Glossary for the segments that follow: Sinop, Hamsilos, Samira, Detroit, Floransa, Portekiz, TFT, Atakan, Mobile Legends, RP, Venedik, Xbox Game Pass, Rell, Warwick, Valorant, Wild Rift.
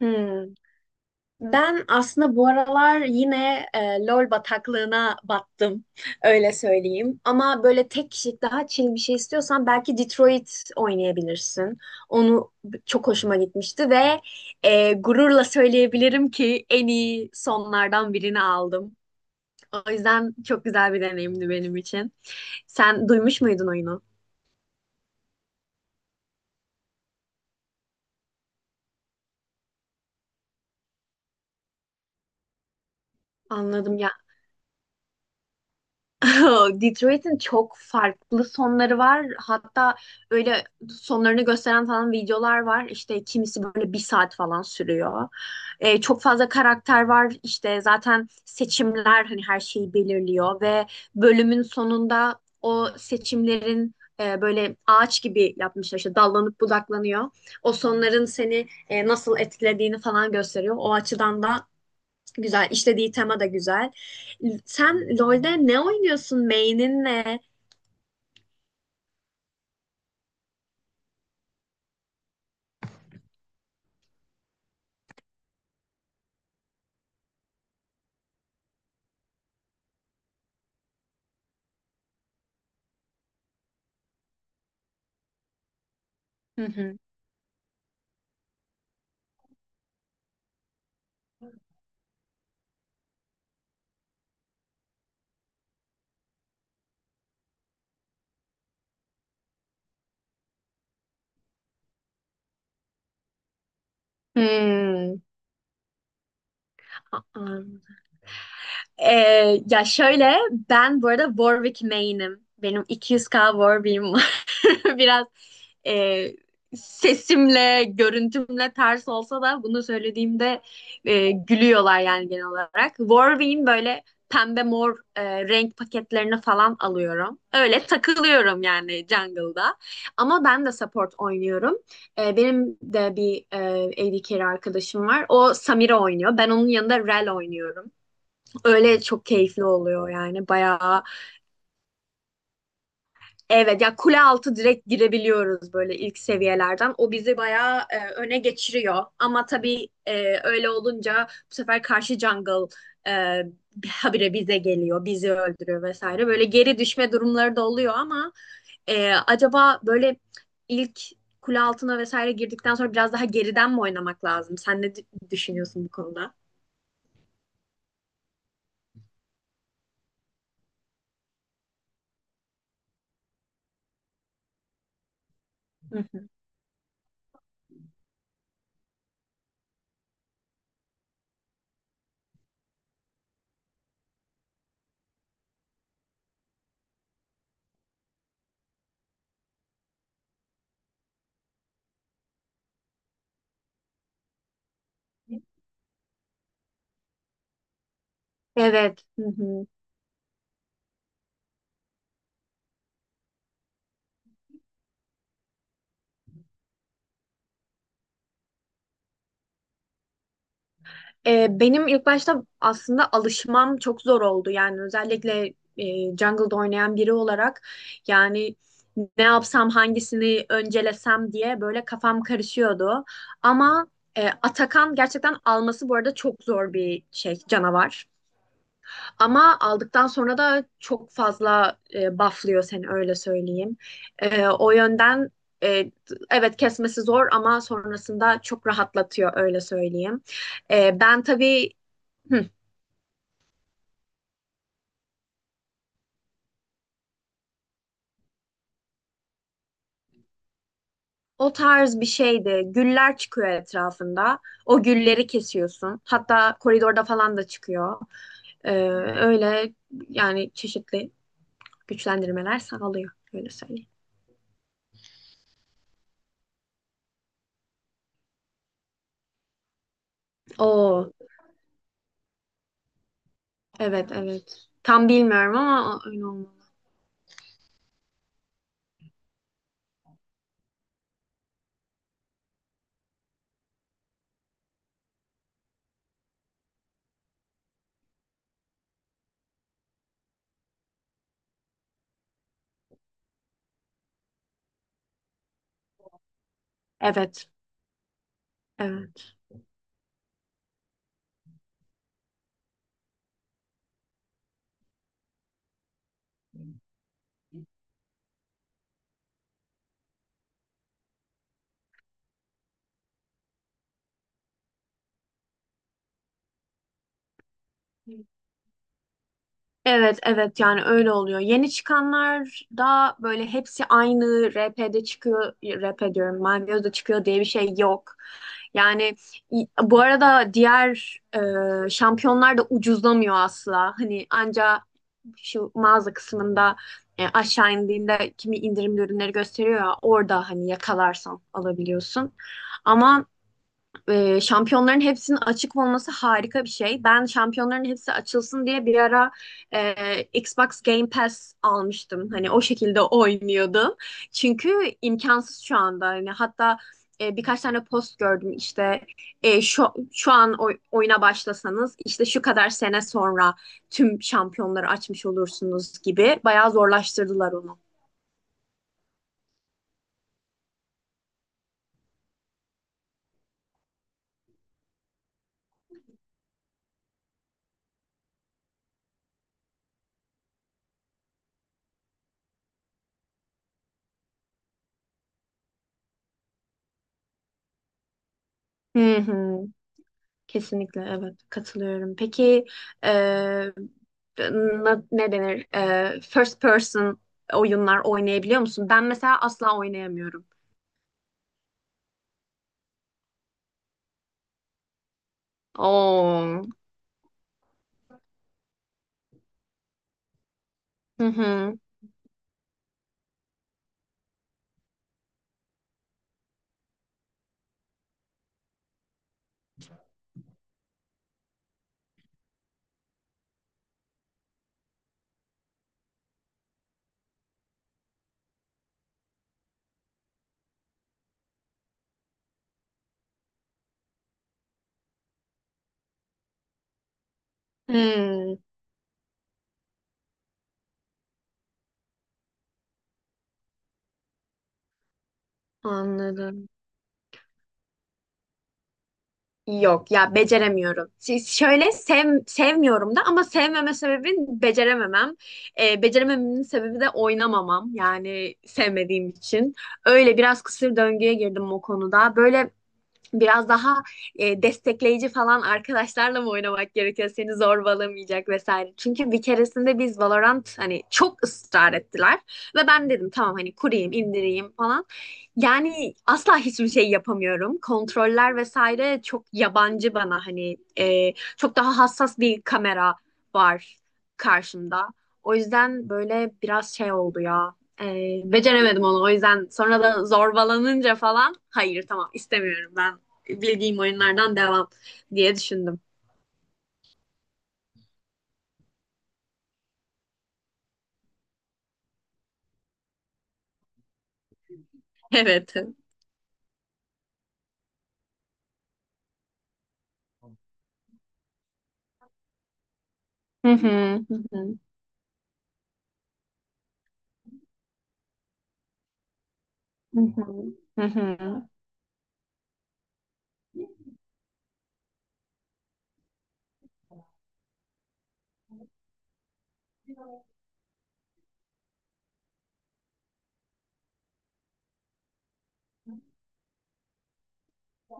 Hmm. Ben aslında bu aralar yine LOL bataklığına battım, öyle söyleyeyim. Ama böyle tek kişilik daha chill bir şey istiyorsan belki Detroit oynayabilirsin. Onu çok hoşuma gitmişti ve gururla söyleyebilirim ki en iyi sonlardan birini aldım. O yüzden çok güzel bir deneyimdi benim için. Sen duymuş muydun oyunu? Anladım. Detroit'in çok farklı sonları var. Hatta öyle sonlarını gösteren falan videolar var. İşte kimisi böyle bir saat falan sürüyor. Çok fazla karakter var. İşte zaten seçimler hani her şeyi belirliyor ve bölümün sonunda o seçimlerin böyle ağaç gibi yapmışlar. İşte dallanıp budaklanıyor. O sonların seni nasıl etkilediğini falan gösteriyor. O açıdan da güzel. İşlediği tema da güzel. Sen LoL'de ne oynuyorsun? Main'in ne? Hı hı. Hmm. Aa. Ya şöyle ben bu arada Warwick Maine'im. Benim 200K Warwick'im var. Biraz e, sesimle, görüntümle ters olsa da bunu söylediğimde gülüyorlar yani genel olarak. Warwick'in böyle pembe mor renk paketlerini falan alıyorum. Öyle takılıyorum yani jungle'da. Ama ben de support oynuyorum. Benim de bir AD carry arkadaşım var. O Samira oynuyor. Ben onun yanında Rell oynuyorum. Öyle çok keyifli oluyor yani bayağı. Evet ya kule altı direkt girebiliyoruz böyle ilk seviyelerden. O bizi bayağı öne geçiriyor. Ama tabii öyle olunca bu sefer karşı jungle e, habire bize geliyor, bizi öldürüyor vesaire. Böyle geri düşme durumları da oluyor ama acaba böyle ilk kule altına vesaire girdikten sonra biraz daha geriden mi oynamak lazım? Sen ne düşünüyorsun bu konuda? Hı hı. Evet. Hı hı. Benim ilk başta aslında alışmam çok zor oldu. Yani özellikle jungle'da oynayan biri olarak yani ne yapsam hangisini öncelesem diye böyle kafam karışıyordu. Ama Atakan gerçekten alması bu arada çok zor bir şey canavar. Ama aldıktan sonra da çok fazla bufflıyor seni öyle söyleyeyim. O yönden e, evet kesmesi zor ama sonrasında çok rahatlatıyor öyle söyleyeyim. Ben tabii hı, o tarz bir şeydi. Güller çıkıyor etrafında. O gülleri kesiyorsun. Hatta koridorda falan da çıkıyor. E, öyle yani çeşitli güçlendirmeler sağlıyor öyle söyleyeyim. Oo, evet evet. Tam bilmiyorum ama öyle olmalı. Evet. Evet. Evet, evet yani öyle oluyor. Yeni çıkanlar da böyle hepsi aynı RP'de çıkıyor, RP diyorum, Mavioz'da çıkıyor diye bir şey yok. Yani bu arada diğer şampiyonlar da ucuzlamıyor asla. Hani anca şu mağaza kısmında aşağı indiğinde kimi indirimli ürünleri gösteriyor ya orada hani yakalarsan alabiliyorsun. Ama şampiyonların hepsinin açık olması harika bir şey. Ben şampiyonların hepsi açılsın diye bir ara Xbox Game Pass almıştım. Hani o şekilde oynuyordum. Çünkü imkansız şu anda. Hani hatta birkaç tane post gördüm işte e, şu şu an oyuna başlasanız işte şu kadar sene sonra tüm şampiyonları açmış olursunuz gibi bayağı zorlaştırdılar onu. Hı hı. Kesinlikle evet katılıyorum. Peki eee, ne denir? First person oyunlar oynayabiliyor musun? Ben mesela asla oynayamıyorum. Oo. Hı hı. Hmm, anladım. Yok ya beceremiyorum. Şöyle sevmiyorum da ama sevmeme sebebim becerememem. Beceremememin sebebi de oynamamam. Yani sevmediğim için. Öyle biraz kısır döngüye girdim o konuda. Böyle biraz daha destekleyici falan arkadaşlarla mı oynamak gerekiyor? Seni zorbalamayacak vesaire. Çünkü bir keresinde biz Valorant hani çok ısrar ettiler ve ben dedim tamam hani kurayım, indireyim falan. Yani asla hiçbir şey yapamıyorum. Kontroller vesaire çok yabancı bana hani çok daha hassas bir kamera var karşımda. O yüzden böyle biraz şey oldu ya. E, beceremedim onu. O yüzden sonra da zorbalanınca falan hayır tamam istemiyorum ben bildiğim oyunlardan devam diye düşündüm. Evet. Hı hı, hı hı, hı hı, hı hı.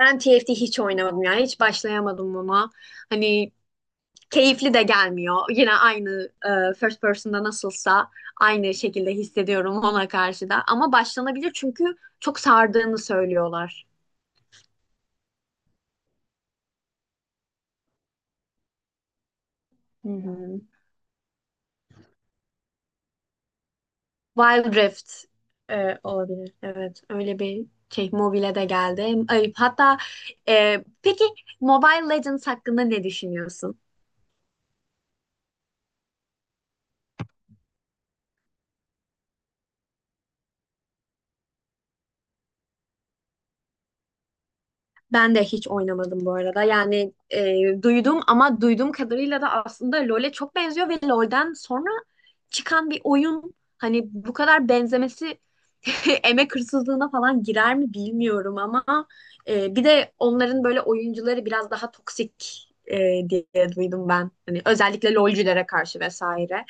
Ben TFT hiç oynamadım yani. Hiç başlayamadım ona. Hani keyifli de gelmiyor. Yine aynı first person'da nasılsa aynı şekilde hissediyorum ona karşı da. Ama başlanabilir çünkü çok sardığını söylüyorlar. Hı hı. Wild Rift olabilir. Evet, öyle bir şey mobile de geldi. Ay, hatta peki Mobile Legends hakkında ne düşünüyorsun? Ben de hiç oynamadım bu arada. Yani duydum ama duyduğum kadarıyla da aslında LoL'e çok benziyor ve LoL'den sonra çıkan bir oyun hani bu kadar benzemesi emek hırsızlığına falan girer mi bilmiyorum ama bir de onların böyle oyuncuları biraz daha toksik diye duydum ben. Hani özellikle LoL'cülere karşı vesaire.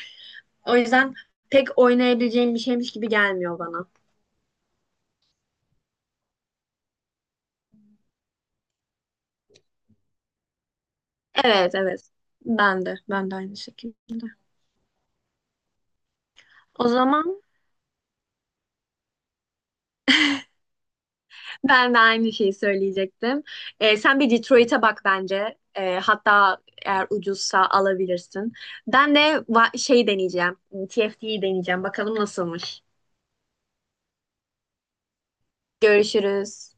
O yüzden pek oynayabileceğim bir şeymiş gibi gelmiyor bana. Evet evet. Ben de. Ben de aynı şekilde. O zaman. Ben de aynı şeyi söyleyecektim. Sen bir Detroit'e bak bence. Hatta eğer ucuzsa alabilirsin. Ben de şey deneyeceğim. TFT'yi deneyeceğim. Bakalım nasılmış. Görüşürüz.